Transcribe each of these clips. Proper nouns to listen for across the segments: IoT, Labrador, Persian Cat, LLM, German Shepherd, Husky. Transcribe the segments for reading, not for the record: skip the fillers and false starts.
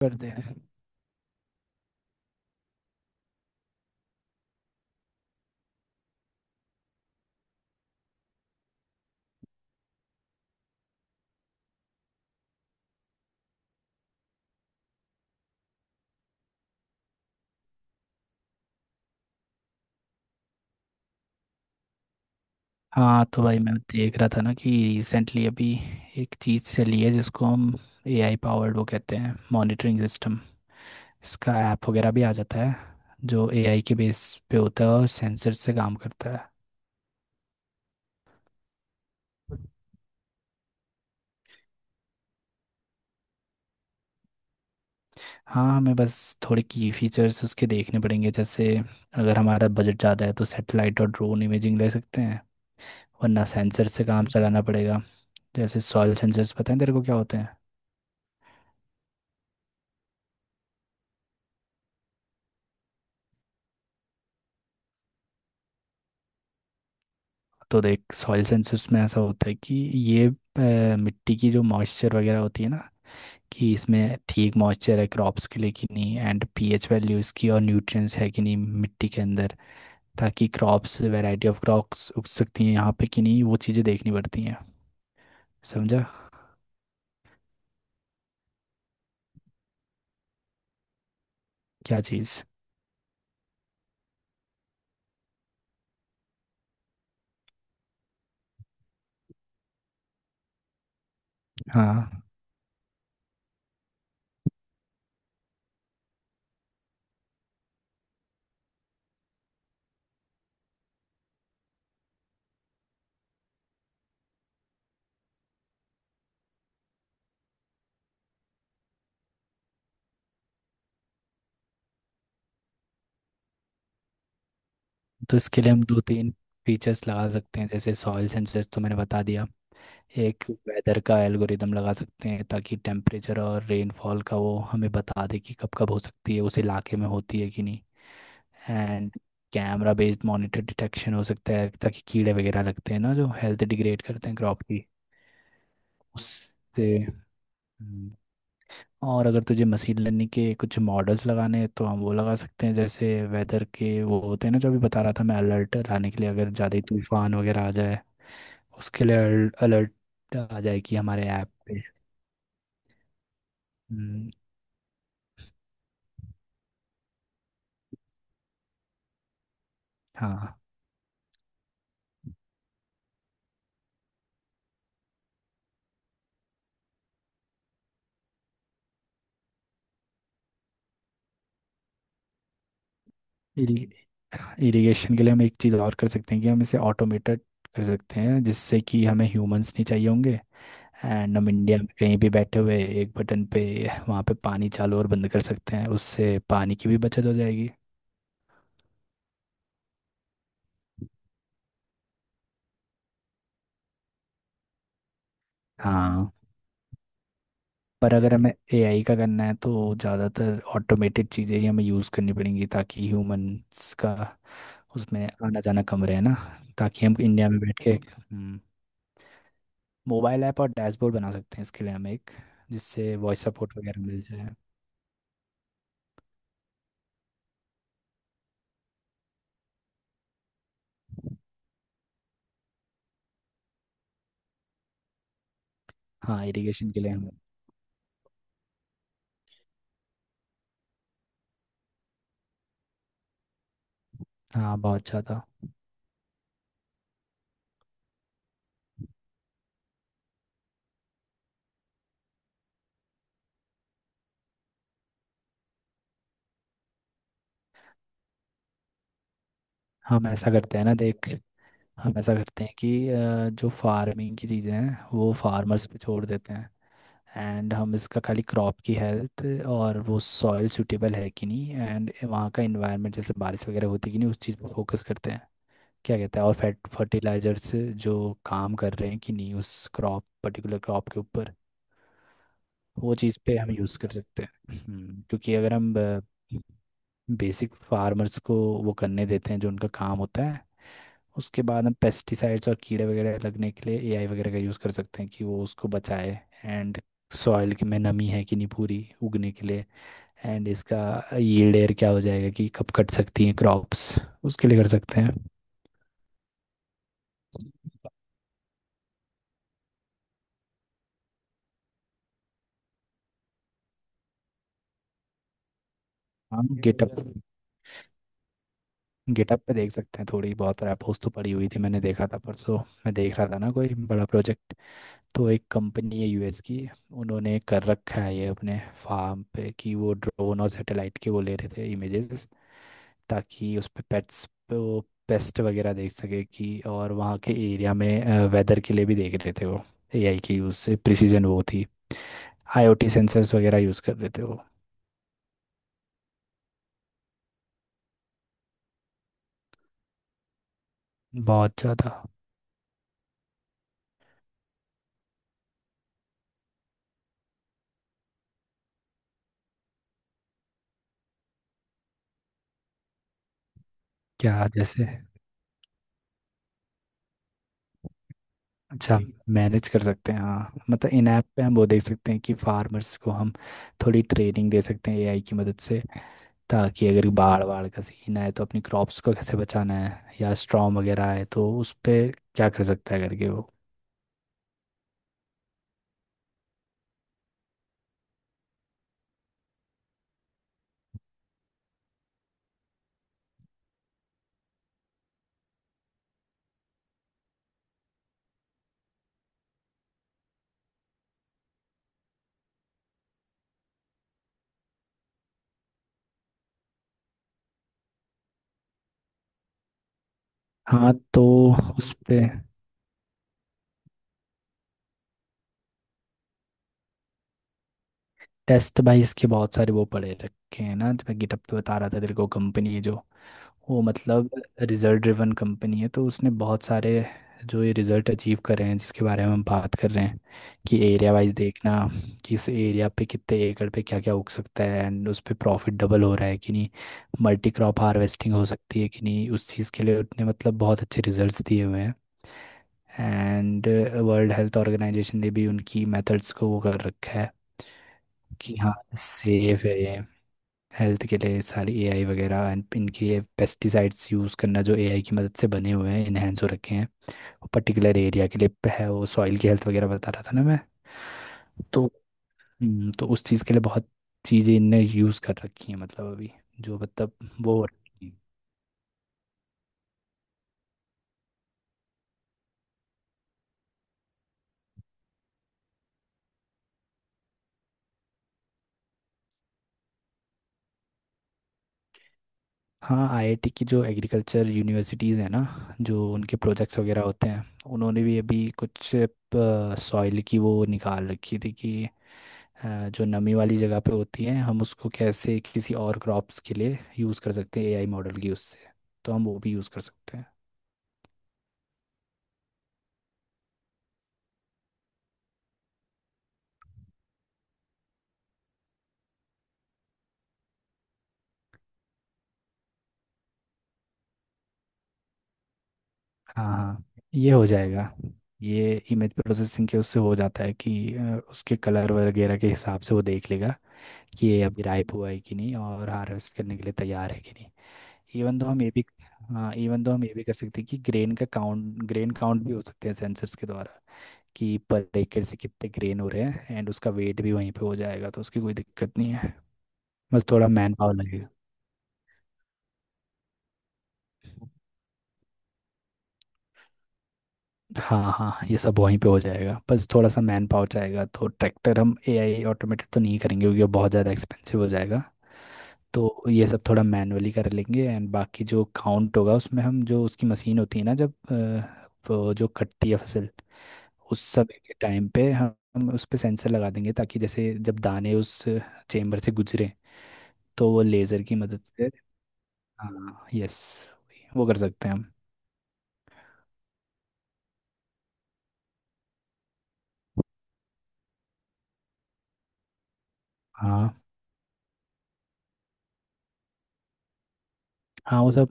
करते हैं। हाँ तो भाई मैं देख रहा था ना कि रिसेंटली अभी एक चीज़ चली है जिसको हम एआई पावर्ड वो कहते हैं, मॉनिटरिंग सिस्टम। इसका ऐप वगैरह भी आ जाता है जो एआई के बेस पे होता है और सेंसर से काम करता है। हाँ हमें बस थोड़े की फीचर्स उसके देखने पड़ेंगे, जैसे अगर हमारा बजट ज़्यादा है तो सैटेलाइट और ड्रोन इमेजिंग ले सकते हैं, वरना सेंसर से काम चलाना पड़ेगा। जैसे सॉइल सेंसर्स, पता है तेरे को क्या होते हैं? तो देख, सॉइल सेंसस में ऐसा होता है कि ये मिट्टी की जो मॉइस्चर वगैरह होती है ना, कि इसमें ठीक मॉइस्चर है क्रॉप्स के लिए कि नहीं, एंड पीएच वैल्यू इसकी और न्यूट्रिएंट्स है कि नहीं मिट्टी के अंदर। ताकि क्रॉप्स वैरायटी ऑफ क्रॉप्स उग सकती हैं यहाँ पे कि नहीं, वो चीज़ें देखनी पड़ती हैं। समझा? क्या चीज़? हाँ तो इसके लिए हम दो तीन फीचर्स लगा सकते हैं। जैसे सॉइल सेंसस तो मैंने बता दिया। एक वेदर का एल्गोरिदम लगा सकते हैं ताकि टेम्परेचर और रेनफॉल का वो हमें बता दे कि कब कब हो सकती है, उस इलाके में होती है कि नहीं। And camera based monitor detection हो सकता है ताकि कीड़े वगैरह लगते हैं ना जो हेल्थ डिग्रेड करते हैं क्रॉप की, उससे। हम्म। और अगर तुझे मशीन लर्निंग के कुछ मॉडल्स लगाने हैं तो हम वो लगा सकते हैं, जैसे वेदर के वो होते हैं ना जो अभी बता रहा था मैं, अलर्ट लाने के लिए अगर ज़्यादा ही तूफान वगैरह आ जाए उसके लिए अलर्ट आ जाए कि हमारे ऐप पे। हम्म। हाँ इरिगेशन के लिए हम एक चीज़ और कर सकते हैं कि हम इसे ऑटोमेटेड कर सकते हैं जिससे कि हमें ह्यूमंस नहीं चाहिए होंगे। एंड हम इंडिया में कहीं भी बैठे हुए एक बटन पे वहाँ पे पानी चालू और बंद कर सकते हैं, उससे पानी की भी बचत हो जाएगी। हाँ पर अगर हमें एआई का करना है तो ज़्यादातर ऑटोमेटेड चीज़ें ही हमें यूज़ करनी पड़ेंगी ताकि ह्यूमंस का उसमें आना जाना कम रहे ना। ताकि हम इंडिया में बैठ के मोबाइल ऐप और डैशबोर्ड बना सकते हैं, इसके लिए हम एक जिससे वॉइस सपोर्ट वगैरह मिल जाए। हाँ इरिगेशन के लिए हम। हाँ बहुत ज़्यादा। हम ऐसा करते हैं ना देख, हम ऐसा करते हैं कि जो फार्मिंग की चीज़ें हैं वो फार्मर्स पे छोड़ देते हैं। एंड हम इसका खाली क्रॉप की हेल्थ और वो सॉइल सूटेबल है कि नहीं एंड वहाँ का इन्वायरमेंट जैसे बारिश वगैरह होती है कि नहीं, उस चीज़ पर फोकस करते हैं। क्या कहते हैं, और फैट फर्टिलाइजर्स जो काम कर रहे हैं कि नहीं उस क्रॉप पर्टिकुलर क्रॉप के ऊपर। वो चीज़ पे हम यूज़ कर सकते हैं। क्योंकि अगर हम बेसिक फार्मर्स को वो करने देते हैं जो उनका काम होता है, उसके बाद हम पेस्टिसाइड्स और कीड़े वगैरह लगने के लिए एआई वगैरह का यूज़ कर सकते हैं कि वो उसको बचाए। एंड सॉइल में नमी है कि नहीं पूरी उगने के लिए, एंड इसका यील्ड एयर क्या हो जाएगा कि कब कट सकती हैं क्रॉप्स, उसके लिए कर सकते हैं। हम गिटअप गिटअप पे देख सकते हैं, थोड़ी बहुत रैपोस तो पड़ी हुई थी, मैंने देखा था परसों। मैं देख रहा था ना कोई बड़ा प्रोजेक्ट, तो एक कंपनी है यूएस की, उन्होंने कर रखा है ये अपने फार्म पे कि वो ड्रोन और सैटेलाइट के वो ले रहे थे इमेजेस, ताकि उस पे पेट्स पे वो पेस्ट वगैरह देख सके, कि और वहाँ के एरिया में वेदर के लिए भी देख रहे थे वो। एआई के यूज़ से प्रिसीजन वो थी, आईओटी सेंसर्स वगैरह यूज़ कर रहे थे वो। बहुत ज़्यादा। क्या जैसे? अच्छा ठीक, मैनेज कर सकते हैं। हाँ मतलब इन ऐप पे हम वो देख सकते हैं कि फार्मर्स को हम थोड़ी ट्रेनिंग दे सकते हैं एआई की मदद से, ताकि अगर बाढ़ वाड़ का सीन आए तो अपनी क्रॉप्स को कैसे बचाना है, या स्टॉर्म वगैरह आए तो उस पे क्या कर सकता है करके वो। हाँ तो उस पे। टेस्ट भाई इसके बहुत सारे वो पड़े रखे हैं ना, जो मैं गिटहब पे बता रहा था तेरे को, कंपनी है जो, वो मतलब रिजल्ट ड्रिवन कंपनी है, तो उसने बहुत सारे जो ये रिजल्ट अचीव कर रहे हैं जिसके बारे में हम बात कर रहे हैं, कि एरिया वाइज देखना, कि इस एरिया पे कितने एकड़ पे क्या क्या उग सकता है एंड उस पे प्रॉफिट डबल हो रहा है कि नहीं, मल्टी क्रॉप हार्वेस्टिंग हो सकती है कि नहीं, उस चीज़ के लिए उसने मतलब बहुत अच्छे रिजल्ट्स दिए हुए हैं। एंड वर्ल्ड हेल्थ ऑर्गेनाइजेशन ने भी उनकी मेथड्स को वो कर रखा है कि हाँ सेफ है ये। हेल्थ के लिए सारी एआई वगैरह, एंड इनके ये पेस्टिसाइड्स यूज़ करना जो एआई की मदद से बने हुए हैं, इनहेंस हो रखे हैं पर्टिकुलर एरिया के लिए। है वो सॉइल की हेल्थ वगैरह बता रहा था ना मैं। तो तो उस चीज़ के लिए बहुत चीज़ें इनने यूज़ कर रखी हैं, मतलब अभी, जो मतलब वो हो रखी हैं। हाँ आईआईटी की जो एग्रीकल्चर यूनिवर्सिटीज़ हैं ना, जो उनके प्रोजेक्ट्स वगैरह होते हैं, उन्होंने भी अभी कुछ सॉइल की वो निकाल रखी थी कि जो नमी वाली जगह पे होती है हम उसको कैसे किसी और क्रॉप्स के लिए यूज़ कर सकते हैं एआई मॉडल की उससे, तो हम वो भी यूज़ कर सकते हैं। हाँ हाँ, ये हो जाएगा। ये इमेज प्रोसेसिंग के उससे हो जाता है कि उसके कलर वगैरह के हिसाब से वो देख लेगा कि ये अभी राइप हुआ है कि नहीं और हार्वेस्ट करने के लिए तैयार है कि नहीं। इवन तो हम ये भी हाँ इवन तो हम ये भी कर सकते हैं कि ग्रेन काउंट भी हो सकते हैं सेंसर्स के द्वारा, कि पर एकड़ से कितने ग्रेन हो रहे हैं, एंड उसका वेट भी वहीं पे हो जाएगा तो उसकी कोई दिक्कत नहीं है। बस थोड़ा मैन पावर लगेगा। हाँ हाँ हाँ, ये सब वहीं पे हो जाएगा, बस थोड़ा सा मैन पावर जाएगा, तो ट्रैक्टर हम एआई ऑटोमेटेड तो नहीं करेंगे क्योंकि वो बहुत ज़्यादा एक्सपेंसिव हो जाएगा। तो ये सब थोड़ा मैनुअली कर लेंगे, एंड बाकी जो काउंट होगा उसमें हम जो उसकी मशीन होती है ना जब वो जो कटती है फसल, उस समय के टाइम पे हम उस पे सेंसर लगा देंगे ताकि जैसे जब दाने उस चेम्बर से गुजरे तो वो लेज़र की मदद से। हाँ यस, वो कर सकते हैं हम। हाँ हाँ, वो सब।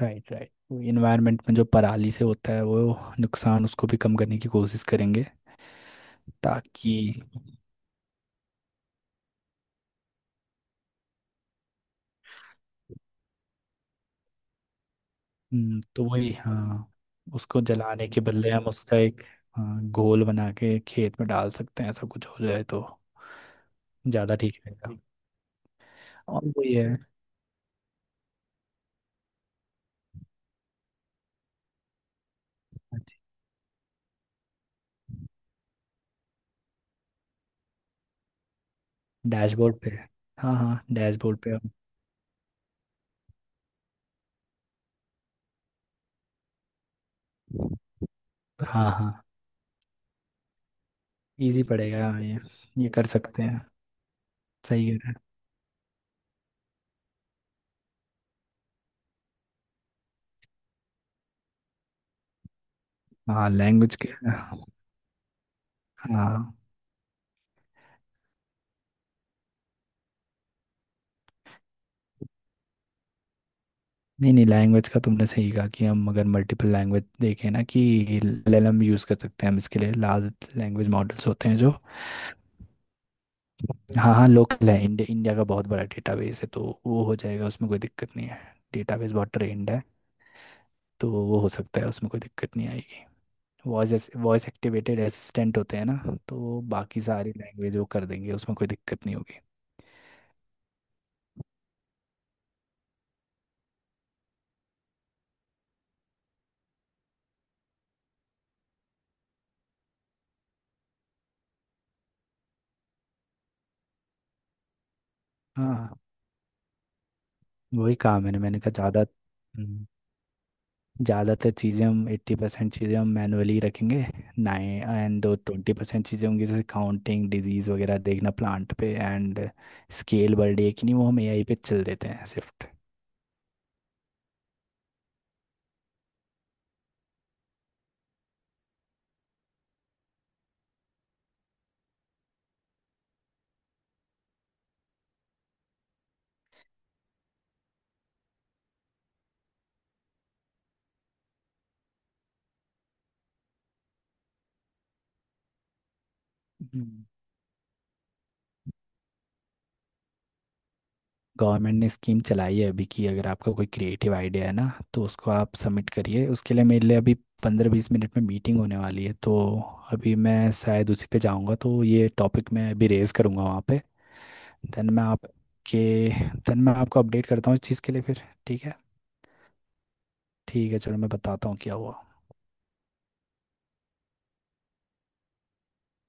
राइट राइट, वो इन्वायरमेंट में जो पराली से होता है वो नुकसान उसको भी कम करने की कोशिश करेंगे। ताकि तो वही, हाँ उसको जलाने के बदले हम उसका एक, हाँ, घोल बना के खेत में डाल सकते हैं, ऐसा कुछ हो जाए तो ज़्यादा ठीक रहेगा। और वही है। डैशबोर्ड पे। हाँ हाँ डैशबोर्ड पे हम। हाँ हाँ इजी पड़ेगा, हाँ, ये कर सकते हैं। सही है। हाँ लैंग्वेज के, हाँ नहीं नहीं, लैंग्वेज का तुमने सही कहा कि हम अगर मल्टीपल लैंग्वेज देखें ना, कि एलएलएम यूज़ कर सकते हैं हम इसके लिए, लार्ज लैंग्वेज मॉडल्स होते हैं जो। हाँ हाँ लोकल है, इंडिया इंडिया का बहुत बड़ा डेटाबेस है, तो वो हो जाएगा, उसमें कोई दिक्कत नहीं है। डेटाबेस बहुत ट्रेंड है। तो वो हो सकता है, उसमें कोई दिक्कत नहीं आएगी। वॉइस वॉइस एक्टिवेटेड असिस्टेंट होते हैं ना, तो वो बाकी सारी लैंग्वेज वो कर देंगे, उसमें कोई दिक्कत नहीं होगी। हाँ वही काम है ना, मैंने कहा ज़्यादा। हम्म, ज़्यादातर चीज़ें हम, 80% चीज़ें हम मैनुअली रखेंगे। नाइन एंड दो 20% चीज़ें होंगी, जैसे काउंटिंग डिजीज़ वगैरह देखना प्लांट पे, एंड स्केल बर्डे की नहीं, वो हम एआई पे चल देते हैं शिफ्ट। गवर्नमेंट ने स्कीम चलाई है अभी की अगर आपका कोई क्रिएटिव आइडिया है ना तो उसको आप सबमिट करिए, उसके लिए मेरे लिए अभी 15-20 मिनट में मीटिंग होने वाली है, तो अभी मैं शायद उसी पे जाऊँगा, तो ये टॉपिक मैं अभी रेज करूँगा वहाँ पे। देन मैं आपके देन मैं आपको अपडेट करता हूँ इस चीज़ के लिए फिर। ठीक है। ठीक है चलो, मैं बताता हूँ क्या हुआ।